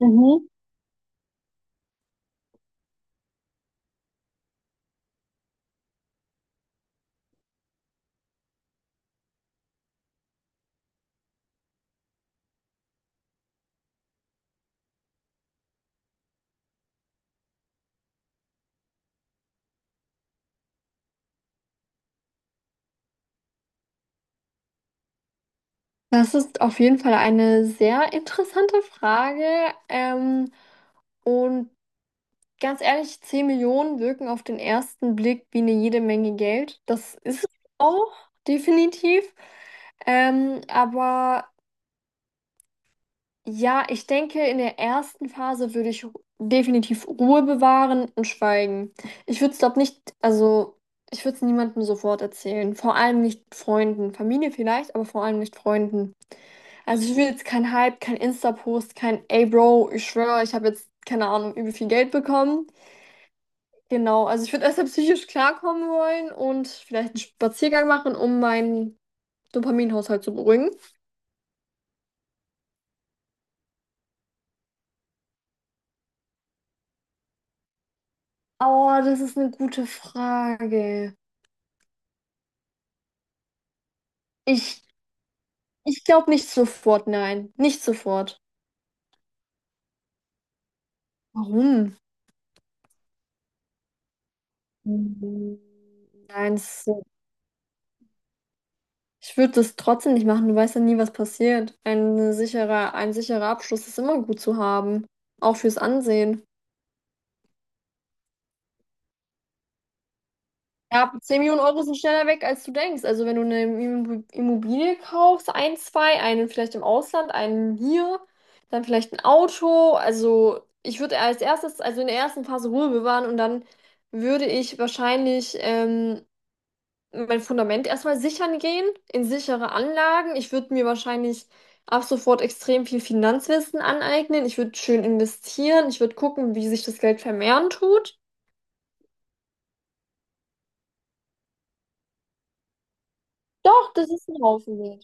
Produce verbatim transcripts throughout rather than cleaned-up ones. Mhm. Das ist auf jeden Fall eine sehr interessante Frage. Ähm, und ganz ehrlich, zehn Millionen wirken auf den ersten Blick wie eine jede Menge Geld. Das ist es auch definitiv. Ähm, aber ja, ich denke, in der ersten Phase würde ich definitiv Ruhe bewahren und schweigen. Ich würde es, glaube nicht, also ich würde es niemandem sofort erzählen. Vor allem nicht Freunden. Familie vielleicht, aber vor allem nicht Freunden. Also ich will jetzt kein Hype, kein Insta-Post, kein Ey Bro, ich schwöre, ich habe jetzt, keine Ahnung, übel viel Geld bekommen. Genau, also ich würde erstmal psychisch klarkommen wollen und vielleicht einen Spaziergang machen, um meinen Dopaminhaushalt zu beruhigen. Oh, das ist eine gute Frage. Ich, ich glaube nicht sofort, nein. Nicht sofort. Warum? Hm, nein, es- ich würde das trotzdem nicht machen. Du weißt ja nie, was passiert. Ein sicherer, ein sicherer Abschluss ist immer gut zu haben. Auch fürs Ansehen. Ja, zehn Millionen Euro sind schneller weg, als du denkst. Also wenn du eine Immo- Immobilie kaufst, ein, zwei, einen vielleicht im Ausland, einen hier, dann vielleicht ein Auto. Also ich würde als erstes, also in der ersten Phase Ruhe bewahren und dann würde ich wahrscheinlich ähm, mein Fundament erstmal sichern gehen, in sichere Anlagen. Ich würde mir wahrscheinlich ab sofort extrem viel Finanzwissen aneignen. Ich würde schön investieren. Ich würde gucken, wie sich das Geld vermehren tut. Doch, das ist ein Haufen.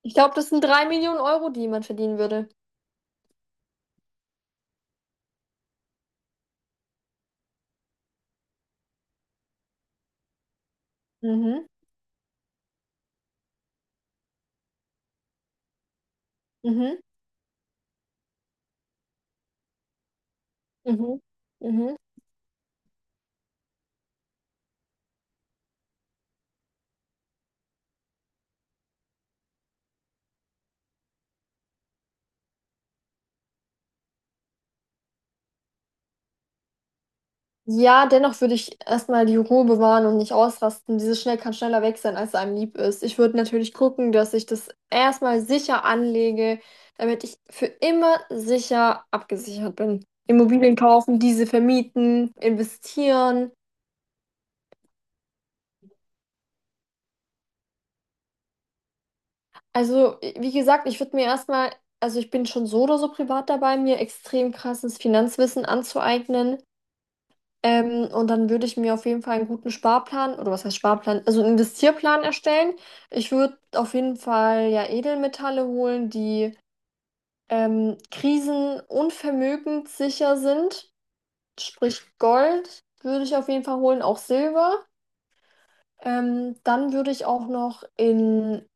Ich glaube, das sind drei Millionen Euro, die man verdienen würde. Mhm, mhm, mhm, mhm. Ja, dennoch würde ich erst mal die Ruhe bewahren und nicht ausrasten. Dieses Schnell kann schneller weg sein, als einem lieb ist. Ich würde natürlich gucken, dass ich das erst mal sicher anlege, damit ich für immer sicher abgesichert bin. Immobilien kaufen, diese vermieten, investieren. Also, i- wie gesagt, ich würde mir erst mal, also ich bin schon so oder so privat dabei, mir extrem krasses Finanzwissen anzueignen. Ähm, und dann würde ich mir auf jeden Fall einen guten Sparplan, oder was heißt Sparplan, also einen Investierplan erstellen. Ich würde auf jeden Fall ja Edelmetalle holen, die ähm, krisen- und vermögenssicher sind. Sprich Gold würde ich auf jeden Fall holen, auch Silber. Ähm, dann würde ich auch noch in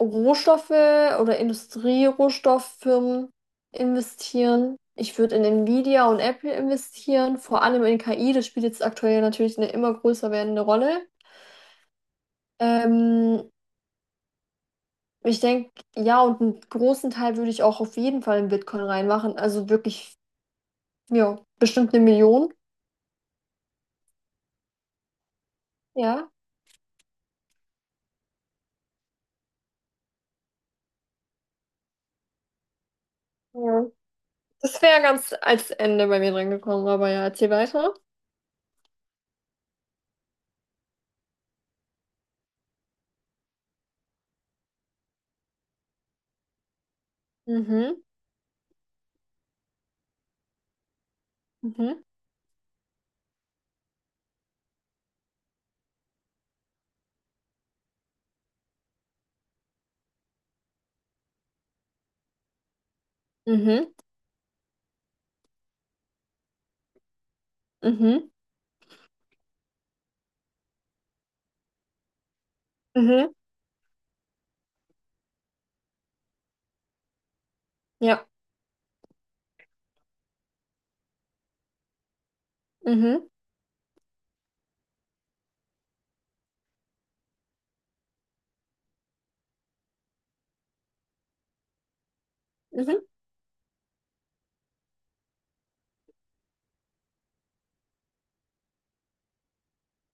Rohstoffe oder Industrierohstofffirmen investieren. Ich würde in Nvidia und Apple investieren, vor allem in K I. Das spielt jetzt aktuell natürlich eine immer größer werdende Rolle. Ähm, ich denke, ja, und einen großen Teil würde ich auch auf jeden Fall in Bitcoin reinmachen. Also wirklich, ja, bestimmt eine Million. Ja. Ja. Das wäre ganz als Ende bei mir dran gekommen, aber ja, erzähl weiter. Mhm, mhm, mhm, mhm, mhm, ja, mhm, mhm,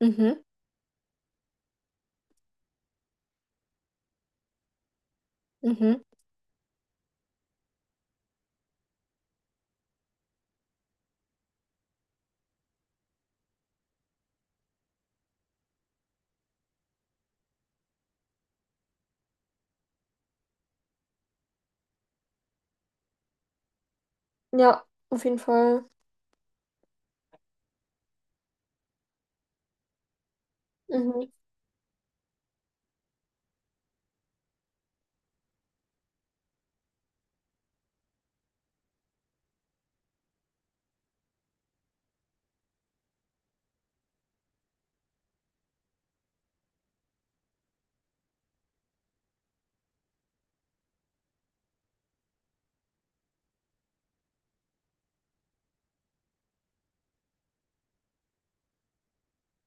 mhm, mhm. Ja, auf jeden Fall. Mhm.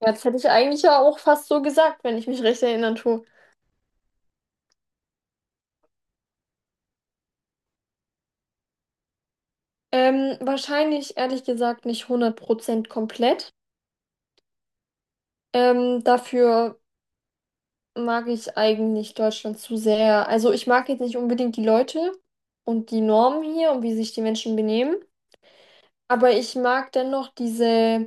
Ja, das hätte ich eigentlich ja auch fast so gesagt, wenn ich mich recht erinnern tue. Ähm, wahrscheinlich, ehrlich gesagt, nicht hundert Prozent komplett. Ähm, dafür mag ich eigentlich Deutschland zu sehr. Also ich mag jetzt nicht unbedingt die Leute und die Normen hier und wie sich die Menschen benehmen, aber ich mag dennoch diese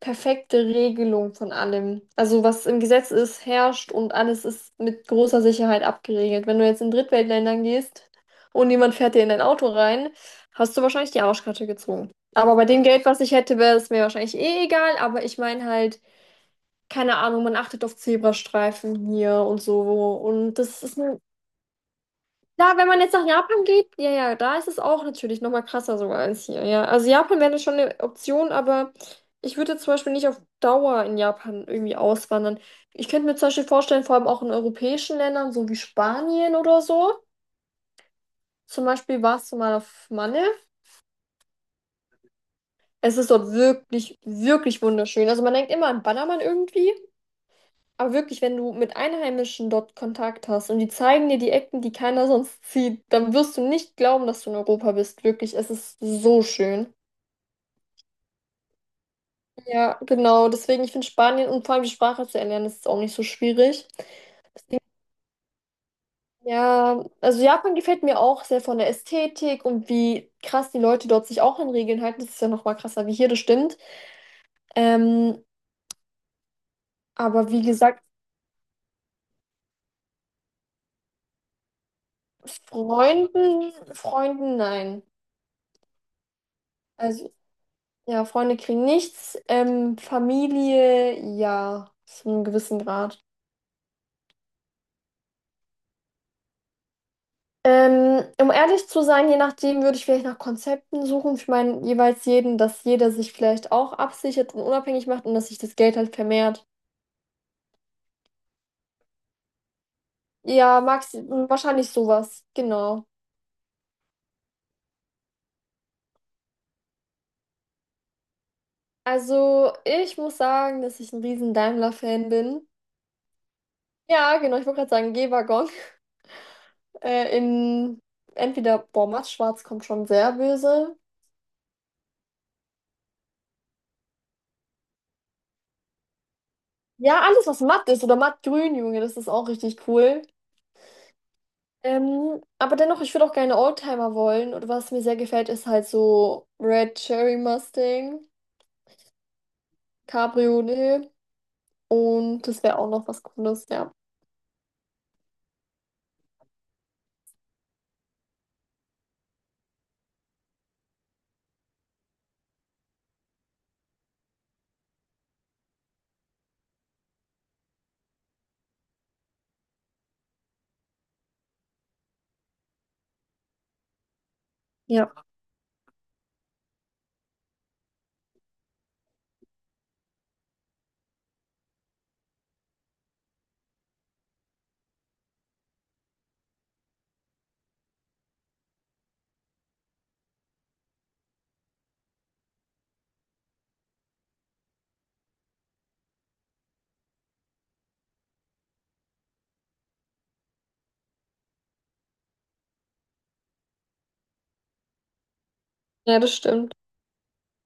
perfekte Regelung von allem. Also was im Gesetz ist, herrscht und alles ist mit großer Sicherheit abgeregelt. Wenn du jetzt in Drittweltländern gehst und jemand fährt dir in dein Auto rein, hast du wahrscheinlich die Arschkarte gezogen. Aber bei dem Geld, was ich hätte, wäre es mir wahrscheinlich eh egal. Aber ich meine halt, keine Ahnung, man achtet auf Zebrastreifen hier und so. Und das ist ein, ja, wenn man jetzt nach Japan geht, ja, ja, da ist es auch natürlich nochmal krasser sogar als hier, ja. Also Japan wäre schon eine Option, aber ich würde zum Beispiel nicht auf Dauer in Japan irgendwie auswandern. Ich könnte mir zum Beispiel vorstellen, vor allem auch in europäischen Ländern, so wie Spanien oder so. Zum Beispiel warst du mal auf Malle. Es ist dort wirklich, wirklich wunderschön. Also man denkt immer an Ballermann irgendwie. Aber wirklich, wenn du mit Einheimischen dort Kontakt hast und die zeigen dir die Ecken, die keiner sonst sieht, dann wirst du nicht glauben, dass du in Europa bist. Wirklich, es ist so schön. Ja, genau. Deswegen, ich finde Spanien und vor allem die Sprache zu erlernen, ist auch nicht so schwierig. Ja, also Japan gefällt mir auch sehr von der Ästhetik und wie krass die Leute dort sich auch an Regeln halten. Das ist ja noch mal krasser wie hier, das stimmt. Ähm, aber wie gesagt, Freunden, Freunden, nein. Also Ja, Freunde kriegen nichts. Ähm, Familie, ja, zu einem gewissen Grad. Ähm, um ehrlich zu sein, je nachdem würde ich vielleicht nach Konzepten suchen. Ich meine, jeweils jeden, dass jeder sich vielleicht auch absichert und unabhängig macht und dass sich das Geld halt vermehrt. Ja, Max, wahrscheinlich sowas. Genau. Also, ich muss sagen, dass ich ein riesen Daimler-Fan bin. Ja, genau, ich wollte gerade sagen, G-Waggon. Äh, in entweder, boah, Matt Schwarz kommt schon sehr böse. Ja, alles, was matt ist oder mattgrün, Junge, das ist auch richtig cool. Ähm, aber dennoch, ich würde auch gerne Oldtimer wollen. Und was mir sehr gefällt, ist halt so Red Cherry Mustang, Cabriolet. Und das wäre auch noch was Cooles, ja. Ja. Ja, das stimmt.